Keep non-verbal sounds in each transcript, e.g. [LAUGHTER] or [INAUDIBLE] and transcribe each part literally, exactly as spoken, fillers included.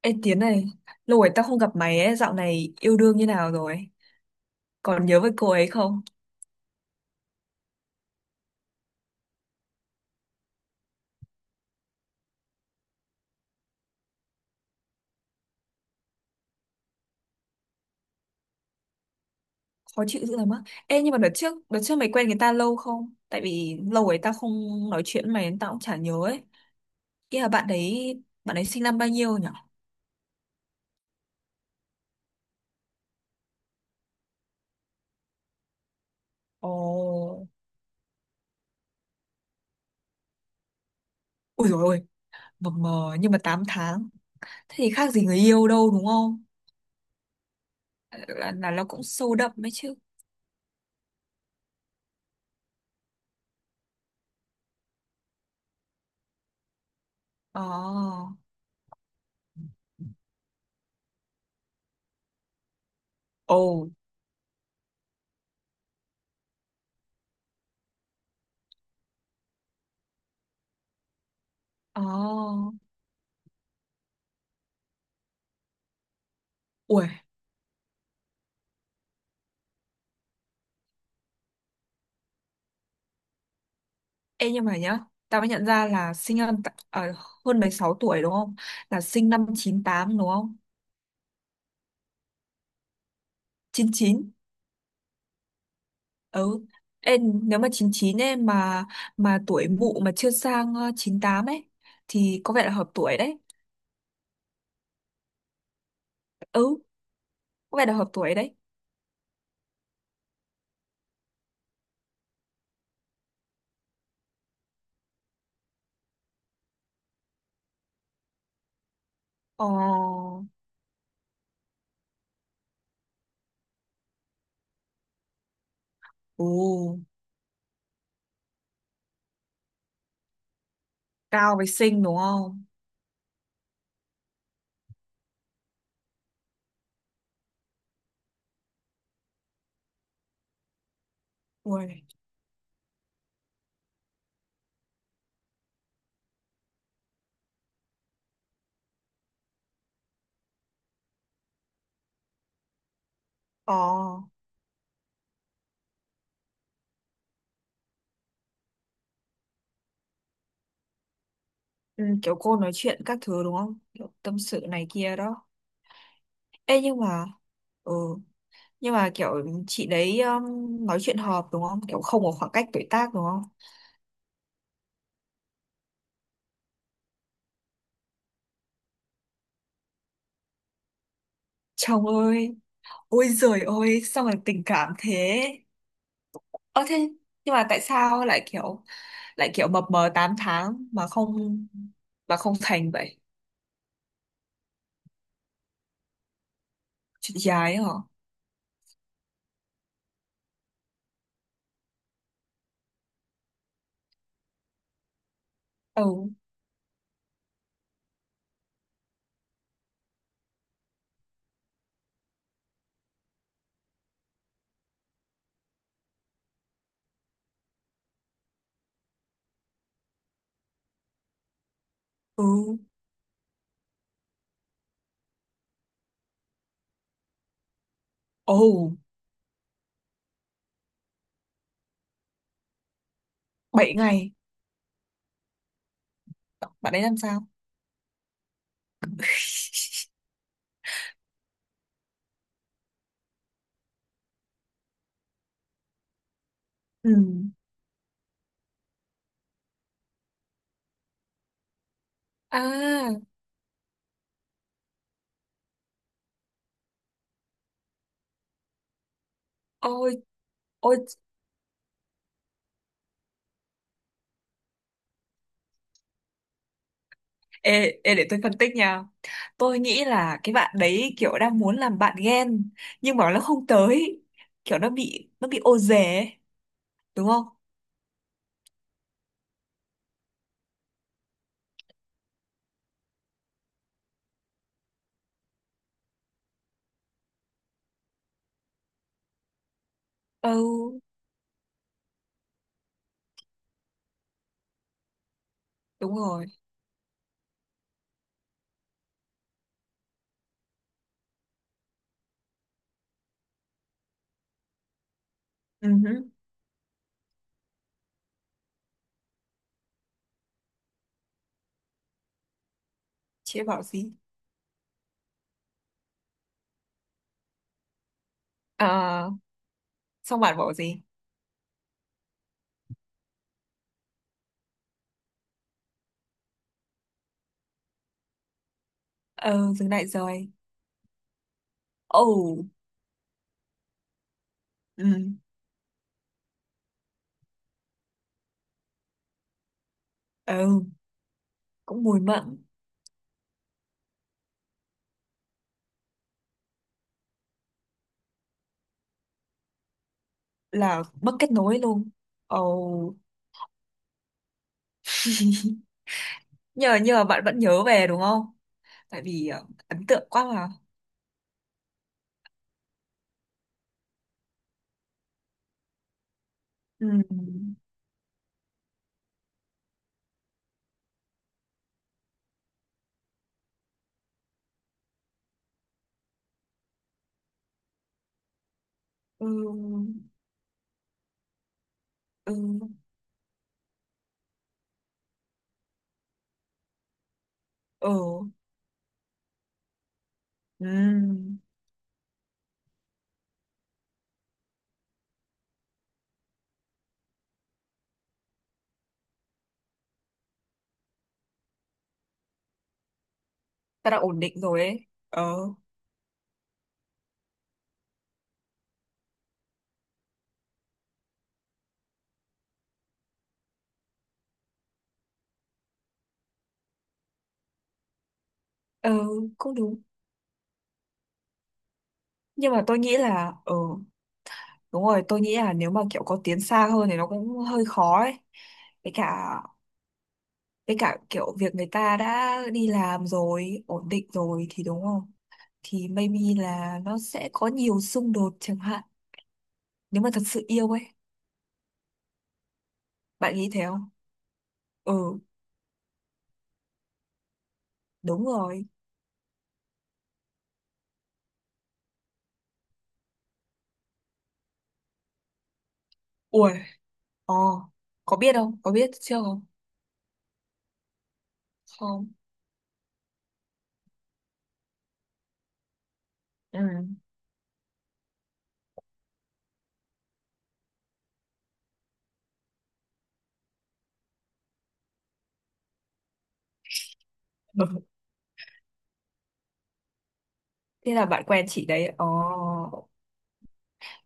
Ê Tiến này, lâu rồi tao không gặp mày ấy, dạo này yêu đương như nào rồi? Còn nhớ với cô ấy không? Khó chịu dữ lắm á. Ê nhưng mà đợt trước, đợt trước mày quen người ta lâu không? Tại vì lâu rồi tao không nói chuyện với mày nên tao cũng chả nhớ ấy. Ý là bạn đấy, bạn ấy sinh năm bao nhiêu nhỉ? Ồ. Ui dồi ôi, mờ mờ nhưng mà tám tháng. Thế thì khác gì người yêu đâu đúng không? Là, là nó cũng sâu đậm ấy chứ. Ồ. Ồ. Ồ. Ui. Ê nhưng mà nhá, tao mới nhận ra là sinh năm t- ờ, hơn mười sáu tuổi đúng không? Là sinh năm chín tám đúng không? Chín chín. Ừ. Ê, nếu mà chín chín ấy mà mà tuổi mụ mà chưa sang ờ, chín tám ấy thì có vẻ là hợp tuổi đấy. Ừ, có vẻ là hợp tuổi đấy. Ờ. Ồ, cao với xinh đúng không? Ui. Ờ. Ừ, kiểu cô nói chuyện các thứ đúng không? Kiểu tâm sự này kia đó. Ê nhưng mà ừ, nhưng mà kiểu chị đấy um, nói chuyện hợp đúng không, kiểu không có khoảng cách tuổi tác đúng không? Chồng ơi, ôi giời ơi sao mà tình cảm thế. Ơ thế nhưng mà tại sao lại kiểu, lại kiểu mập mờ tám tháng mà không, mà không thành vậy? Chuyện gái hả? Ừ. Ừ. Ồ. Bảy ngày. Bạn ấy làm sao? [LAUGHS] Ừ. À. Ôi. Ôi. Ê, ê, để tôi phân tích nha. Tôi nghĩ là cái bạn đấy kiểu đang muốn làm bạn ghen nhưng mà nó không tới. Kiểu nó bị, nó bị ô dề ấy, đúng không? Ừ, đúng rồi. Ừ, hứ. Chị ấy bảo gì? Ờ, xong bạn bảo gì? Ừ, dừng lại rồi. Ồ, ừ, ừ, cũng mùi mẫn, là mất kết nối luôn. Ồ, nhờ nhờ bạn vẫn nhớ về đúng không? Tại vì ờ, ấn tượng quá mà. Ừ, ừ, ừ, ừ. Ừ, ta đã ổn định rồi ấy. Ờ, ờ, cũng đúng. Nhưng mà tôi nghĩ là, ờ, đúng rồi, tôi nghĩ là nếu mà kiểu có tiến xa hơn thì nó cũng hơi khó ấy. Với cả, với cả kiểu việc người ta đã đi làm rồi, ổn định rồi thì đúng không? Thì maybe là nó sẽ có nhiều xung đột chẳng hạn. Nếu mà thật sự yêu ấy, bạn nghĩ thế không? Ừ, đúng rồi. Ui, ờ, có biết không? Có biết chưa không? Không. Ừ. Ừ. Thế là bạn quen chị đấy. Ồ.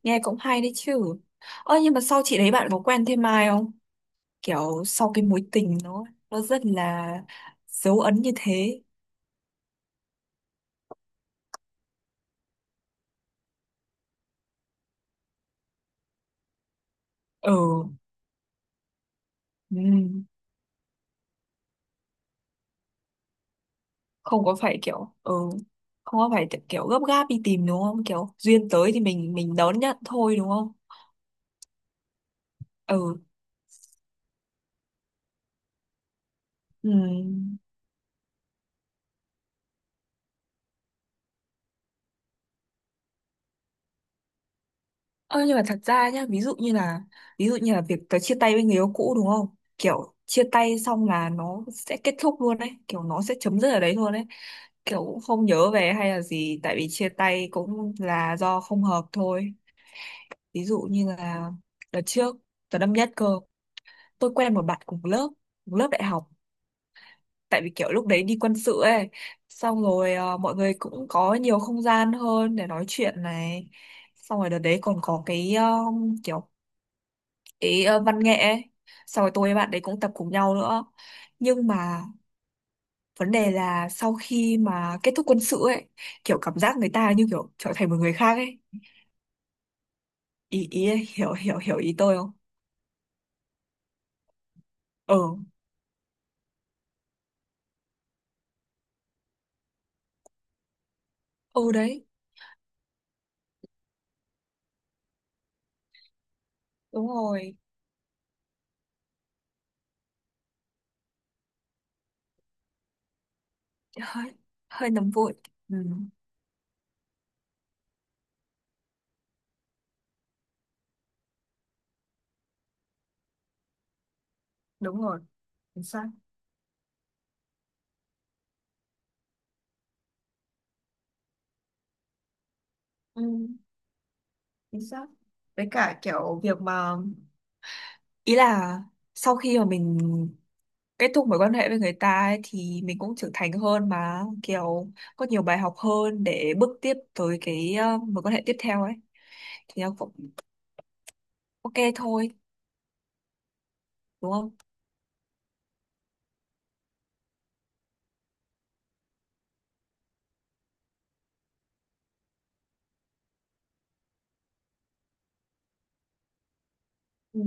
Nghe cũng hay đấy chứ. Ơ nhưng mà sau chị đấy bạn có quen thêm ai không, kiểu sau cái mối tình nó nó rất là dấu ấn như thế. Ừ, ừm, không có phải kiểu ừ, không có phải kiểu gấp gáp đi tìm đúng không, kiểu duyên tới thì mình mình đón nhận thôi đúng không? Ừ. Ừm. Ơ nhưng mà thật ra nhá, ví dụ như là, ví dụ như là việc tớ chia tay với người yêu cũ đúng không, kiểu chia tay xong là nó sẽ kết thúc luôn đấy, kiểu nó sẽ chấm dứt ở đấy luôn đấy, kiểu cũng không nhớ về hay là gì tại vì chia tay cũng là do không hợp thôi. Ví dụ như là đợt trước, đợt năm nhất cơ, tôi quen một bạn cùng lớp, cùng lớp đại học, tại vì kiểu lúc đấy đi quân sự ấy, xong rồi ờ, mọi người cũng có nhiều không gian hơn để nói chuyện này, xong rồi đợt đấy còn có cái ờ, kiểu cái ờ, văn nghệ ấy, xong rồi tôi với bạn đấy cũng tập cùng nhau nữa. Nhưng mà vấn đề là sau khi mà kết thúc quân sự ấy, kiểu cảm giác người ta như kiểu trở thành một người khác ấy. Ý ý, hiểu hiểu hiểu ý tôi không? Ừ. Ừ đấy. Đúng rồi. Hơi, hơi nóng vội. Ừ, đúng rồi. Chính xác. Ừ, chính xác. Với cả kiểu việc mà, ý là sau khi mà mình kết thúc mối quan hệ với người ta ấy, thì mình cũng trưởng thành hơn mà kiểu có nhiều bài học hơn để bước tiếp tới cái ờ, mối quan hệ tiếp theo ấy thì nó cũng ok thôi đúng không? Ừ,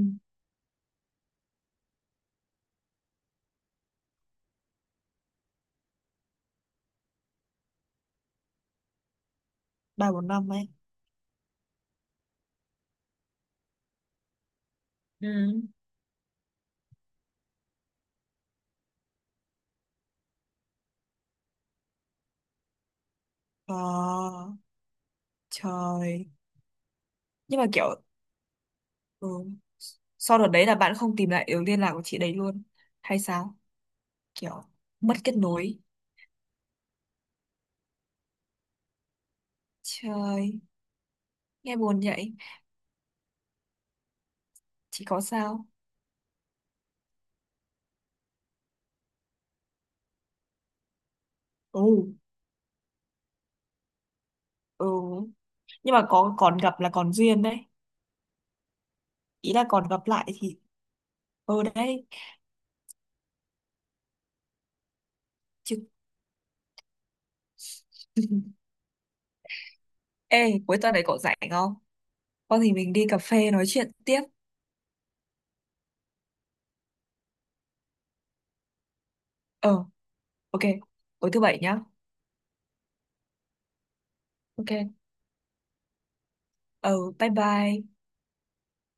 ba bốn năm ấy. Ừ. Ờ, trời. Nhưng mà kiểu, ừ, sau đợt đấy là bạn không tìm lại được liên lạc của chị đấy luôn hay sao, kiểu mất kết nối? Trời, nghe buồn vậy. Chị có sao? Ừ. Ừ. Nhưng mà có còn gặp là còn duyên đấy, ý là còn gặp lại thì. Ừ đấy. Chứ. [LAUGHS] Ê, cuối tuần này cậu rảnh không? Có thì mình đi cà phê nói chuyện tiếp. Ờ, ok, tối thứ bảy nhá. Ok. Ờ, bye bye.